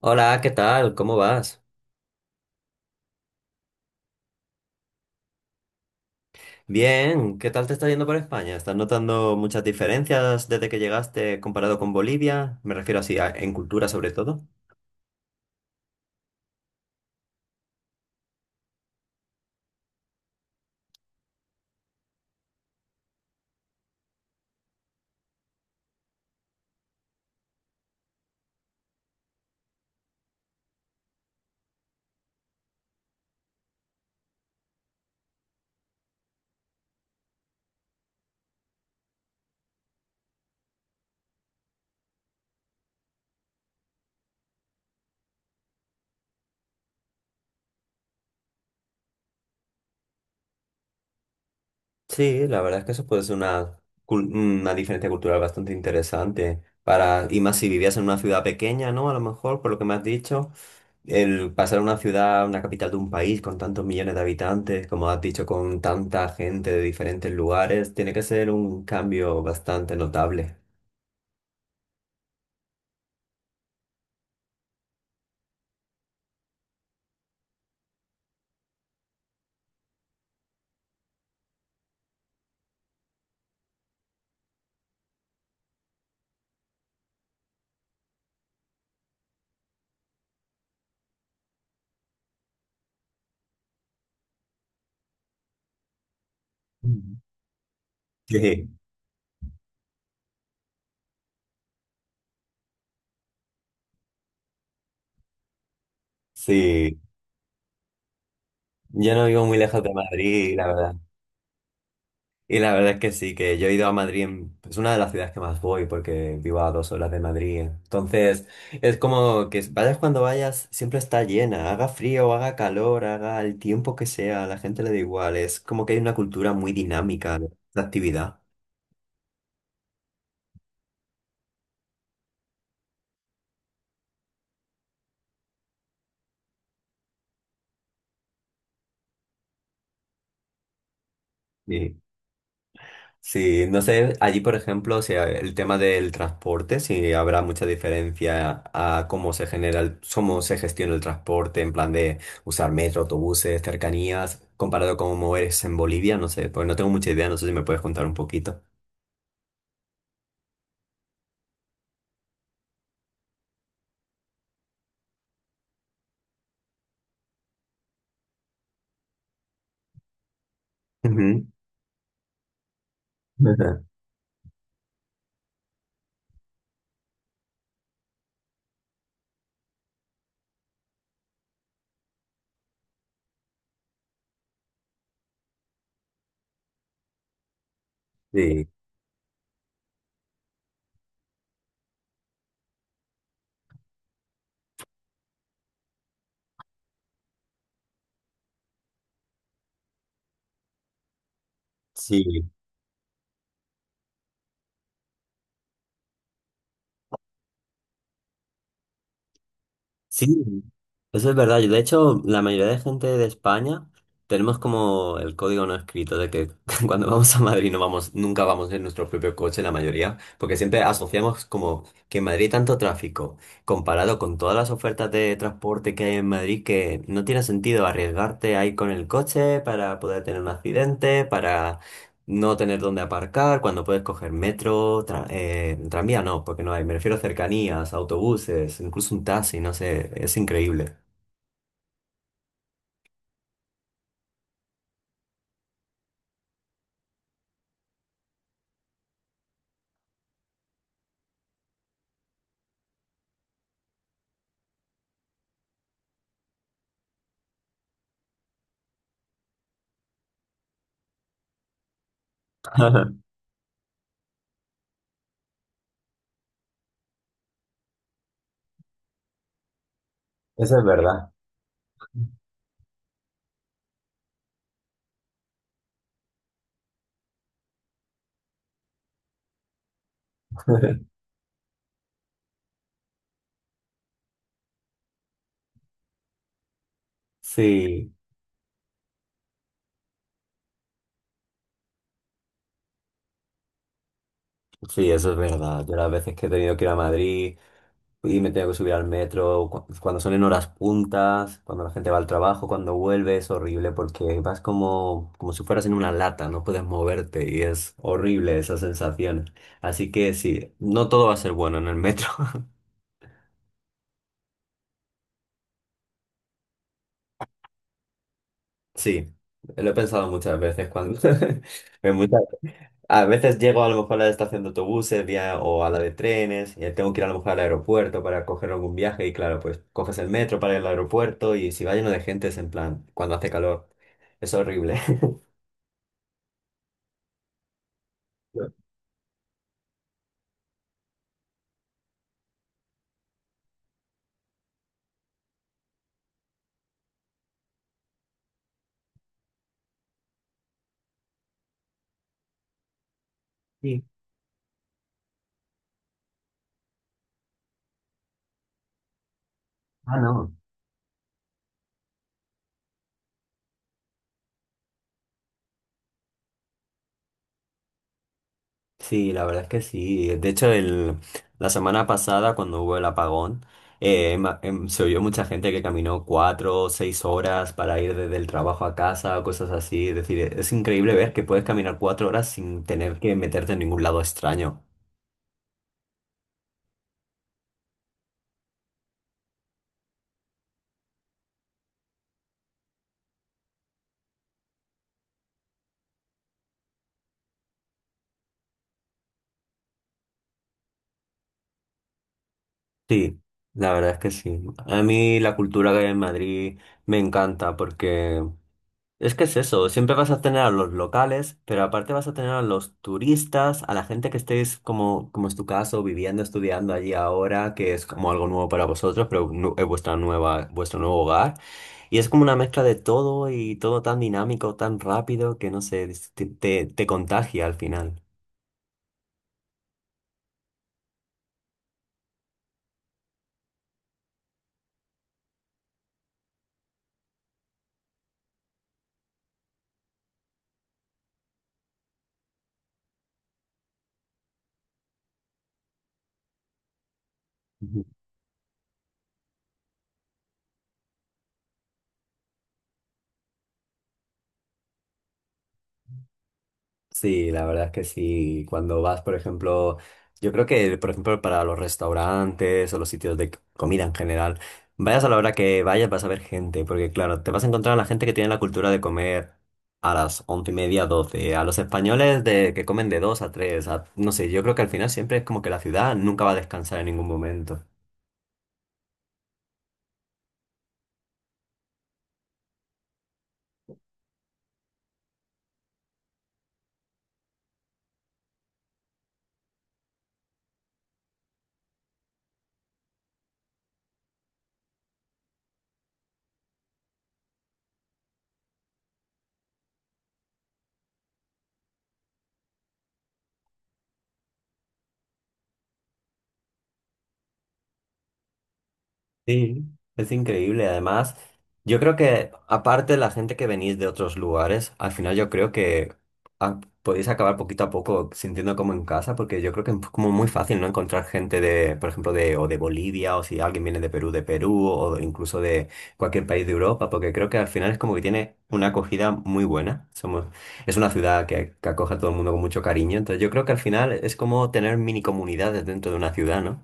Hola, ¿qué tal? ¿Cómo vas? Bien, ¿qué tal te está yendo por España? ¿Estás notando muchas diferencias desde que llegaste comparado con Bolivia? Me refiero así, en cultura sobre todo. Sí, la verdad es que eso puede ser una, una diferencia cultural bastante interesante. Para, y más si vivías en una ciudad pequeña, ¿no? A lo mejor, por lo que me has dicho, el pasar a una ciudad, una capital de un país con tantos millones de habitantes, como has dicho, con tanta gente de diferentes lugares, tiene que ser un cambio bastante notable. Mm. Sí. Sí, yo no vivo muy lejos de Madrid, y la verdad. Y la verdad es que sí, que yo he ido a Madrid, es una de las ciudades que más voy porque vivo a 2 horas de Madrid. Entonces, es como que vayas cuando vayas, siempre está llena, haga frío, haga calor, haga el tiempo que sea, a la gente le da igual. Es como que hay una cultura muy dinámica de actividad. Sí, no sé, allí por ejemplo, si el tema del transporte, si habrá mucha diferencia a cómo se genera, cómo se gestiona el transporte, en plan de usar metro, autobuses, cercanías, comparado con moverse en Bolivia, no sé, pues no tengo mucha idea, no sé si me puedes contar un poquito. Ujú. Sí, sí. Sí, eso es verdad. Yo, de hecho, la mayoría de gente de España tenemos como el código no escrito de que cuando vamos a Madrid no vamos, nunca vamos en nuestro propio coche, la mayoría, porque siempre asociamos como que en Madrid hay tanto tráfico, comparado con todas las ofertas de transporte que hay en Madrid, que no tiene sentido arriesgarte a ir con el coche para poder tener un accidente, para no tener dónde aparcar, cuando puedes coger metro, tranvía no, porque no hay, me refiero a cercanías, autobuses, incluso un taxi, no sé, es increíble. Eso es verdad. Sí, sí, eso es verdad. Yo las veces que he tenido que ir a Madrid y me tengo que subir al metro, cuando son en horas puntas, cuando la gente va al trabajo, cuando vuelve, es horrible porque vas como, como si fueras en una lata, no puedes moverte y es horrible esa sensación. Así que sí, no todo va a ser bueno en el metro. Sí, lo he pensado muchas veces cuando en muchas- a veces llego a lo mejor a la estación de autobuses o a la de trenes y tengo que ir a lo mejor al aeropuerto para coger algún viaje y claro, pues coges el metro para ir al aeropuerto y si va lleno de gente es en plan cuando hace calor. Es horrible. Sí. Ah, no. Sí, la verdad es que sí. De hecho, el, la semana pasada, cuando hubo el apagón, se oyó mucha gente que caminó 4 o 6 horas para ir desde el trabajo a casa o cosas así. Es decir, es increíble ver que puedes caminar 4 horas sin tener que meterte en ningún lado extraño. Sí, la verdad es que sí. A mí la cultura que hay en Madrid me encanta porque es que es eso, siempre vas a tener a los locales, pero aparte vas a tener a los turistas, a la gente que estéis como, como es tu caso, viviendo, estudiando allí ahora, que es como algo nuevo para vosotros, pero es vuestra nueva, vuestro nuevo hogar. Y es como una mezcla de todo y todo tan dinámico, tan rápido, que no sé, te contagia al final. Sí, la verdad es que sí. Cuando vas, por ejemplo, yo creo que, por ejemplo, para los restaurantes o los sitios de comida en general, vayas a la hora que vayas, vas a ver gente, porque claro, te vas a encontrar a la gente que tiene la cultura de comer a las 11 y media, 12, a los españoles de que comen de 2 a 3, no sé, yo creo que al final siempre es como que la ciudad nunca va a descansar en ningún momento. Sí, es increíble. Además, yo creo que aparte de la gente que venís de otros lugares, al final yo creo que podéis acabar poquito a poco sintiendo como en casa, porque yo creo que es como muy fácil no encontrar gente de, por ejemplo, de Bolivia, o si alguien viene de Perú, o incluso de cualquier país de Europa, porque creo que al final es como que tiene una acogida muy buena. Somos, es una ciudad que acoge a todo el mundo con mucho cariño, entonces yo creo que al final es como tener mini comunidades dentro de una ciudad, ¿no?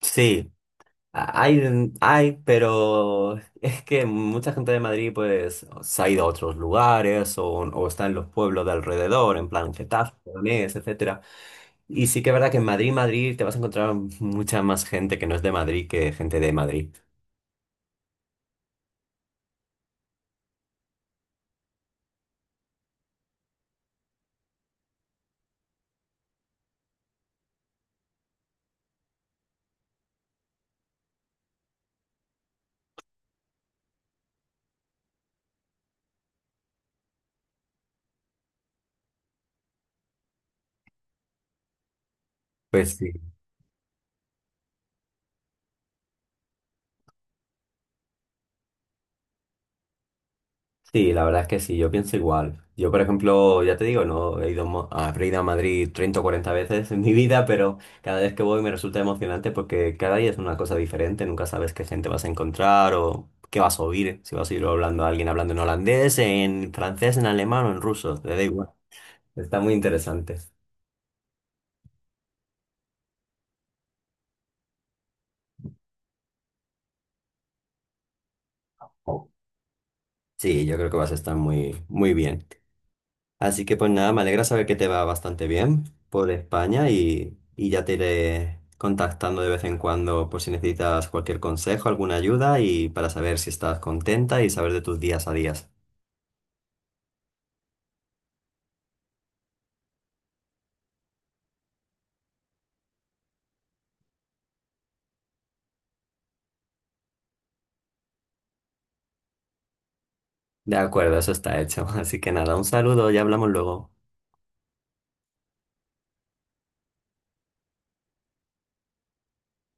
Sí, Hay, hay, pero es que mucha gente de Madrid pues se ha ido a otros lugares o está en los pueblos de alrededor, en plan Getafe, Leganés, etcétera. Y sí que es verdad que en Madrid, Madrid, te vas a encontrar mucha más gente que no es de Madrid que gente de Madrid. Pues sí. Sí, la verdad es que sí, yo pienso igual. Yo, por ejemplo, ya te digo, no he ido habré ido a Madrid 30 o 40 veces en mi vida, pero cada vez que voy me resulta emocionante porque cada día es una cosa diferente, nunca sabes qué gente vas a encontrar o qué vas a oír, si vas a oír hablando a alguien hablando en holandés, en francés, en alemán o en ruso, te da igual. Está muy interesante. Sí, yo creo que vas a estar muy, muy bien. Así que pues nada, me alegra saber que te va bastante bien por España y ya te iré contactando de vez en cuando por si necesitas cualquier consejo, alguna ayuda y para saber si estás contenta y saber de tus días a días. De acuerdo, eso está hecho. Así que nada, un saludo, ya hablamos luego.